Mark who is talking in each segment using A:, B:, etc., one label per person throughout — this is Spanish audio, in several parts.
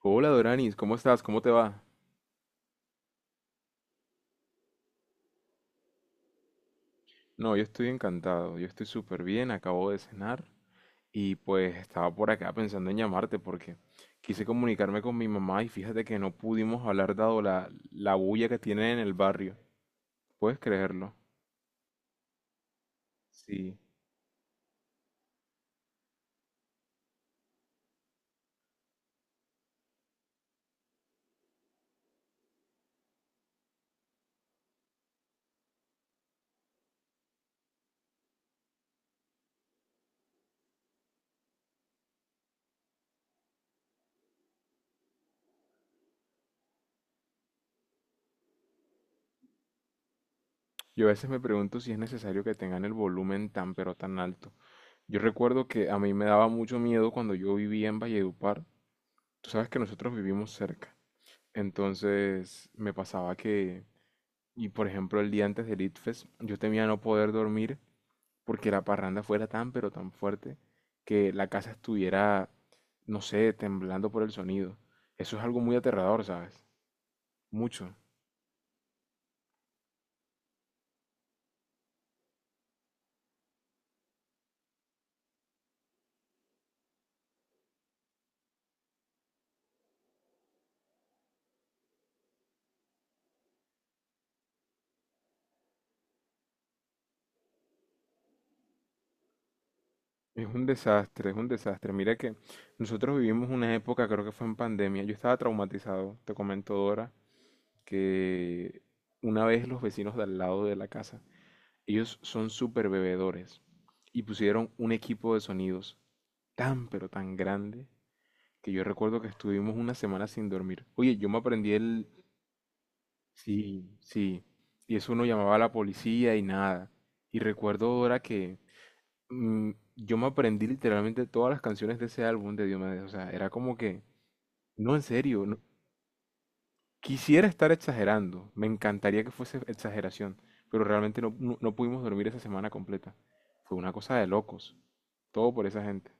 A: Hola Doranis, ¿cómo estás? ¿Cómo te va? No, yo estoy encantado, yo estoy súper bien, acabo de cenar y pues estaba por acá pensando en llamarte porque quise comunicarme con mi mamá y fíjate que no pudimos hablar dado la bulla que tienen en el barrio. ¿Puedes creerlo? Sí. Yo a veces me pregunto si es necesario que tengan el volumen tan pero tan alto. Yo recuerdo que a mí me daba mucho miedo cuando yo vivía en Valledupar. Tú sabes que nosotros vivimos cerca. Entonces me pasaba que. Y por ejemplo, el día antes del ITFES, yo temía no poder dormir porque la parranda fuera tan, pero tan fuerte que la casa estuviera, no sé, temblando por el sonido. Eso es algo muy aterrador, ¿sabes? Mucho. Es un desastre, es un desastre. Mira que nosotros vivimos una época, creo que fue en pandemia. Yo estaba traumatizado, te comento, Dora, que una vez los vecinos de al lado de la casa, ellos son súper bebedores y pusieron un equipo de sonidos tan, pero tan grande que yo recuerdo que estuvimos una semana sin dormir. Oye, yo me aprendí el... Sí, sí. Y eso uno llamaba a la policía y nada. Y recuerdo ahora que mm, yo me aprendí literalmente todas las canciones de ese álbum de Diomedes. O sea, era como que, no, en serio, quisiera estar exagerando. Me encantaría que fuese exageración. Pero realmente no, no pudimos dormir esa semana completa. Fue una cosa de locos. Todo por esa gente.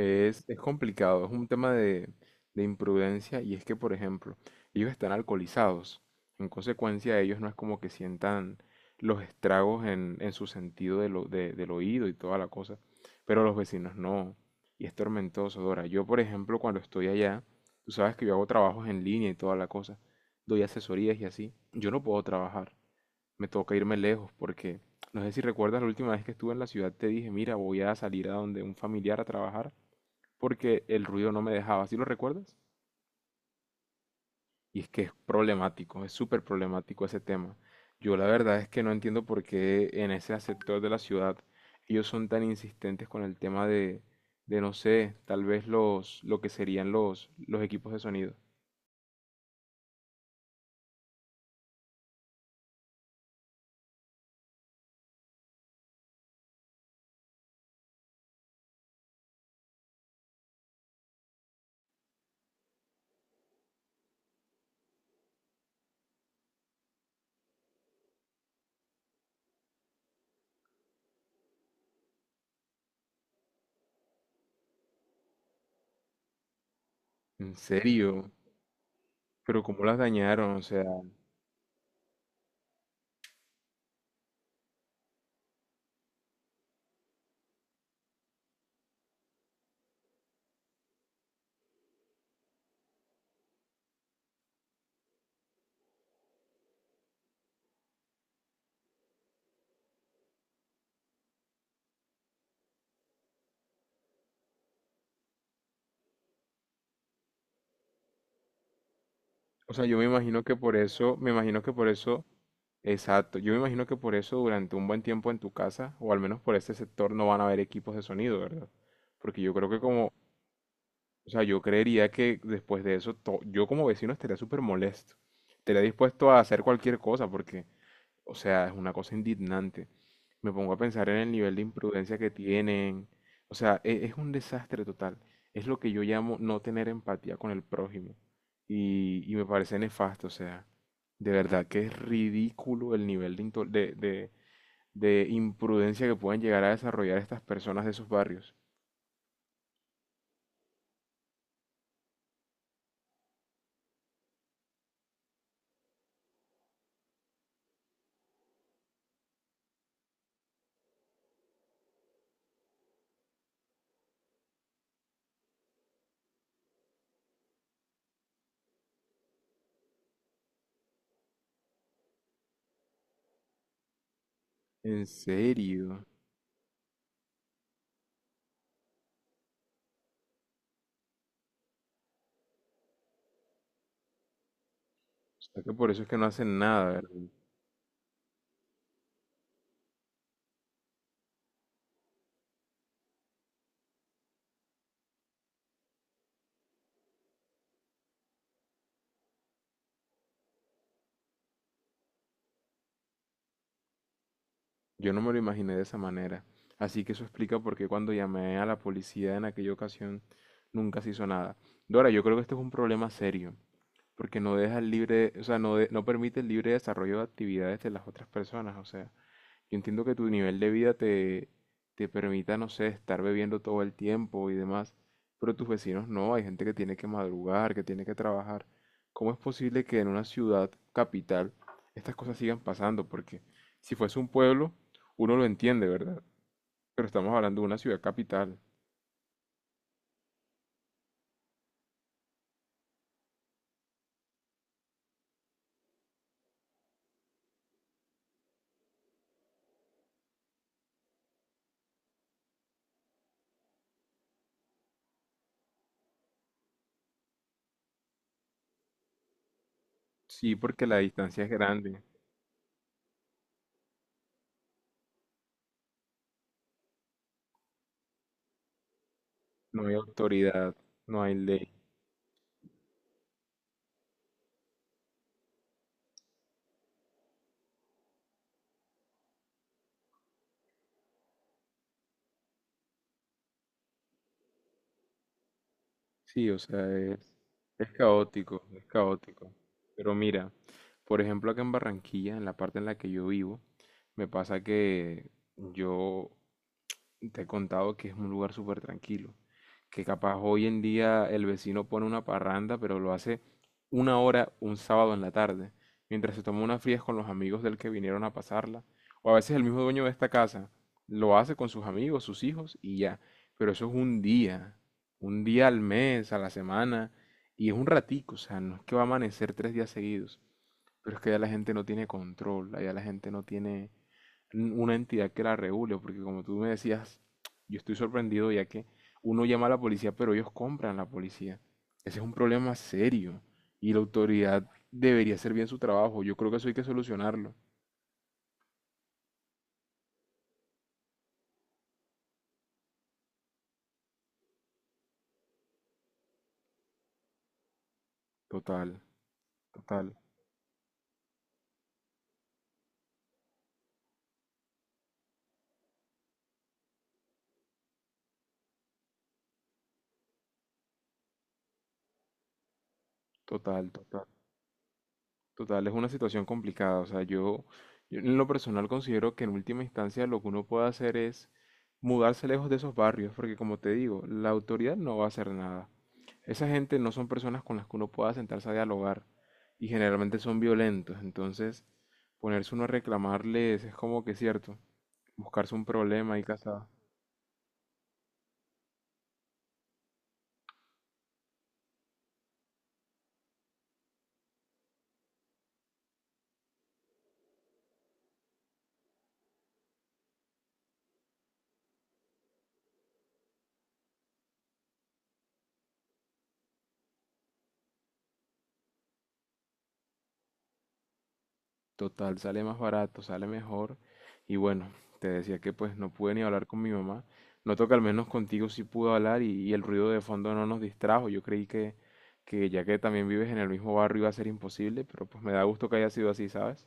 A: Es complicado, es un tema de imprudencia y es que, por ejemplo, ellos están alcoholizados. En consecuencia, ellos no es como que sientan los estragos en su sentido de del oído y toda la cosa, pero los vecinos no. Y es tormentoso, Dora. Yo, por ejemplo, cuando estoy allá, tú sabes que yo hago trabajos en línea y toda la cosa, doy asesorías y así. Yo no puedo trabajar, me toca irme lejos porque, no sé si recuerdas la última vez que estuve en la ciudad, te dije, mira, voy a salir a donde un familiar a trabajar porque el ruido no me dejaba, ¿sí lo recuerdas? Y es que es problemático, es súper problemático ese tema. Yo la verdad es que no entiendo por qué en ese sector de la ciudad ellos son tan insistentes con el tema de no sé, tal vez lo que serían los equipos de sonido. ¿En serio? Pero cómo las dañaron, o sea. O sea, yo me imagino que por eso, me imagino que por eso, exacto, yo me imagino que por eso durante un buen tiempo en tu casa, o al menos por este sector, no van a haber equipos de sonido, ¿verdad? Porque yo creo que como... O sea, yo creería que después de eso, yo como vecino estaría súper molesto. Estaría dispuesto a hacer cualquier cosa porque, o sea, es una cosa indignante. Me pongo a pensar en el nivel de imprudencia que tienen. O sea, es un desastre total. Es lo que yo llamo no tener empatía con el prójimo. Y me parece nefasto, o sea, de verdad que es ridículo el nivel de, de imprudencia que pueden llegar a desarrollar estas personas de esos barrios. En serio. Sea que por eso es que no hacen nada, ¿verdad? Yo no me lo imaginé de esa manera. Así que eso explica por qué cuando llamé a la policía en aquella ocasión nunca se hizo nada. Dora, yo creo que este es un problema serio, porque no deja el libre, o sea, no, no permite el libre desarrollo de actividades de las otras personas. O sea, yo entiendo que tu nivel de vida te, te permita, no sé, estar bebiendo todo el tiempo y demás, pero tus vecinos no, hay gente que tiene que madrugar, que tiene que trabajar. ¿Cómo es posible que en una ciudad capital estas cosas sigan pasando? Porque si fuese un pueblo, uno lo entiende, ¿verdad? Pero estamos hablando de una ciudad capital. Sí, porque la distancia es grande, no hay autoridad, no hay ley. Sí, o sea, es caótico, es caótico. Pero mira, por ejemplo, acá en Barranquilla, en la parte en la que yo vivo, me pasa que yo te he contado que es un lugar súper tranquilo, que capaz hoy en día el vecino pone una parranda, pero lo hace una hora un sábado en la tarde, mientras se toma unas frías con los amigos del que vinieron a pasarla, o a veces el mismo dueño de esta casa lo hace con sus amigos, sus hijos y ya, pero eso es un día al mes, a la semana, y es un ratico, o sea, no es que va a amanecer tres días seguidos, pero es que ya la gente no tiene control, ya la gente no tiene una entidad que la regule, porque como tú me decías, yo estoy sorprendido ya que uno llama a la policía, pero ellos compran la policía. Ese es un problema serio y la autoridad debería hacer bien su trabajo. Yo creo que eso hay que solucionarlo. Total, total, total, total. Total, es una situación complicada. O sea, yo en lo personal considero que en última instancia lo que uno puede hacer es mudarse lejos de esos barrios, porque como te digo, la autoridad no va a hacer nada. Esa gente no son personas con las que uno pueda sentarse a dialogar y generalmente son violentos. Entonces, ponerse uno a reclamarles es como que cierto, buscarse un problema y casa... Total, sale más barato, sale mejor. Y bueno, te decía que pues no pude ni hablar con mi mamá. Noto que al menos contigo sí pude hablar y el ruido de fondo no nos distrajo. Yo creí que ya que también vives en el mismo barrio iba a ser imposible, pero pues me da gusto que haya sido así, ¿sabes?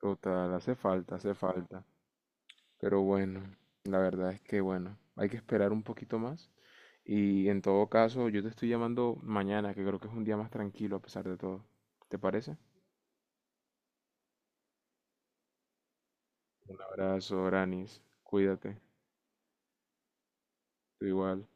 A: Total, hace falta, hace falta. Pero bueno, la verdad es que bueno, hay que esperar un poquito más. Y en todo caso, yo te estoy llamando mañana, que creo que es un día más tranquilo a pesar de todo. ¿Te parece? Un abrazo, Granis. Cuídate. Tú igual.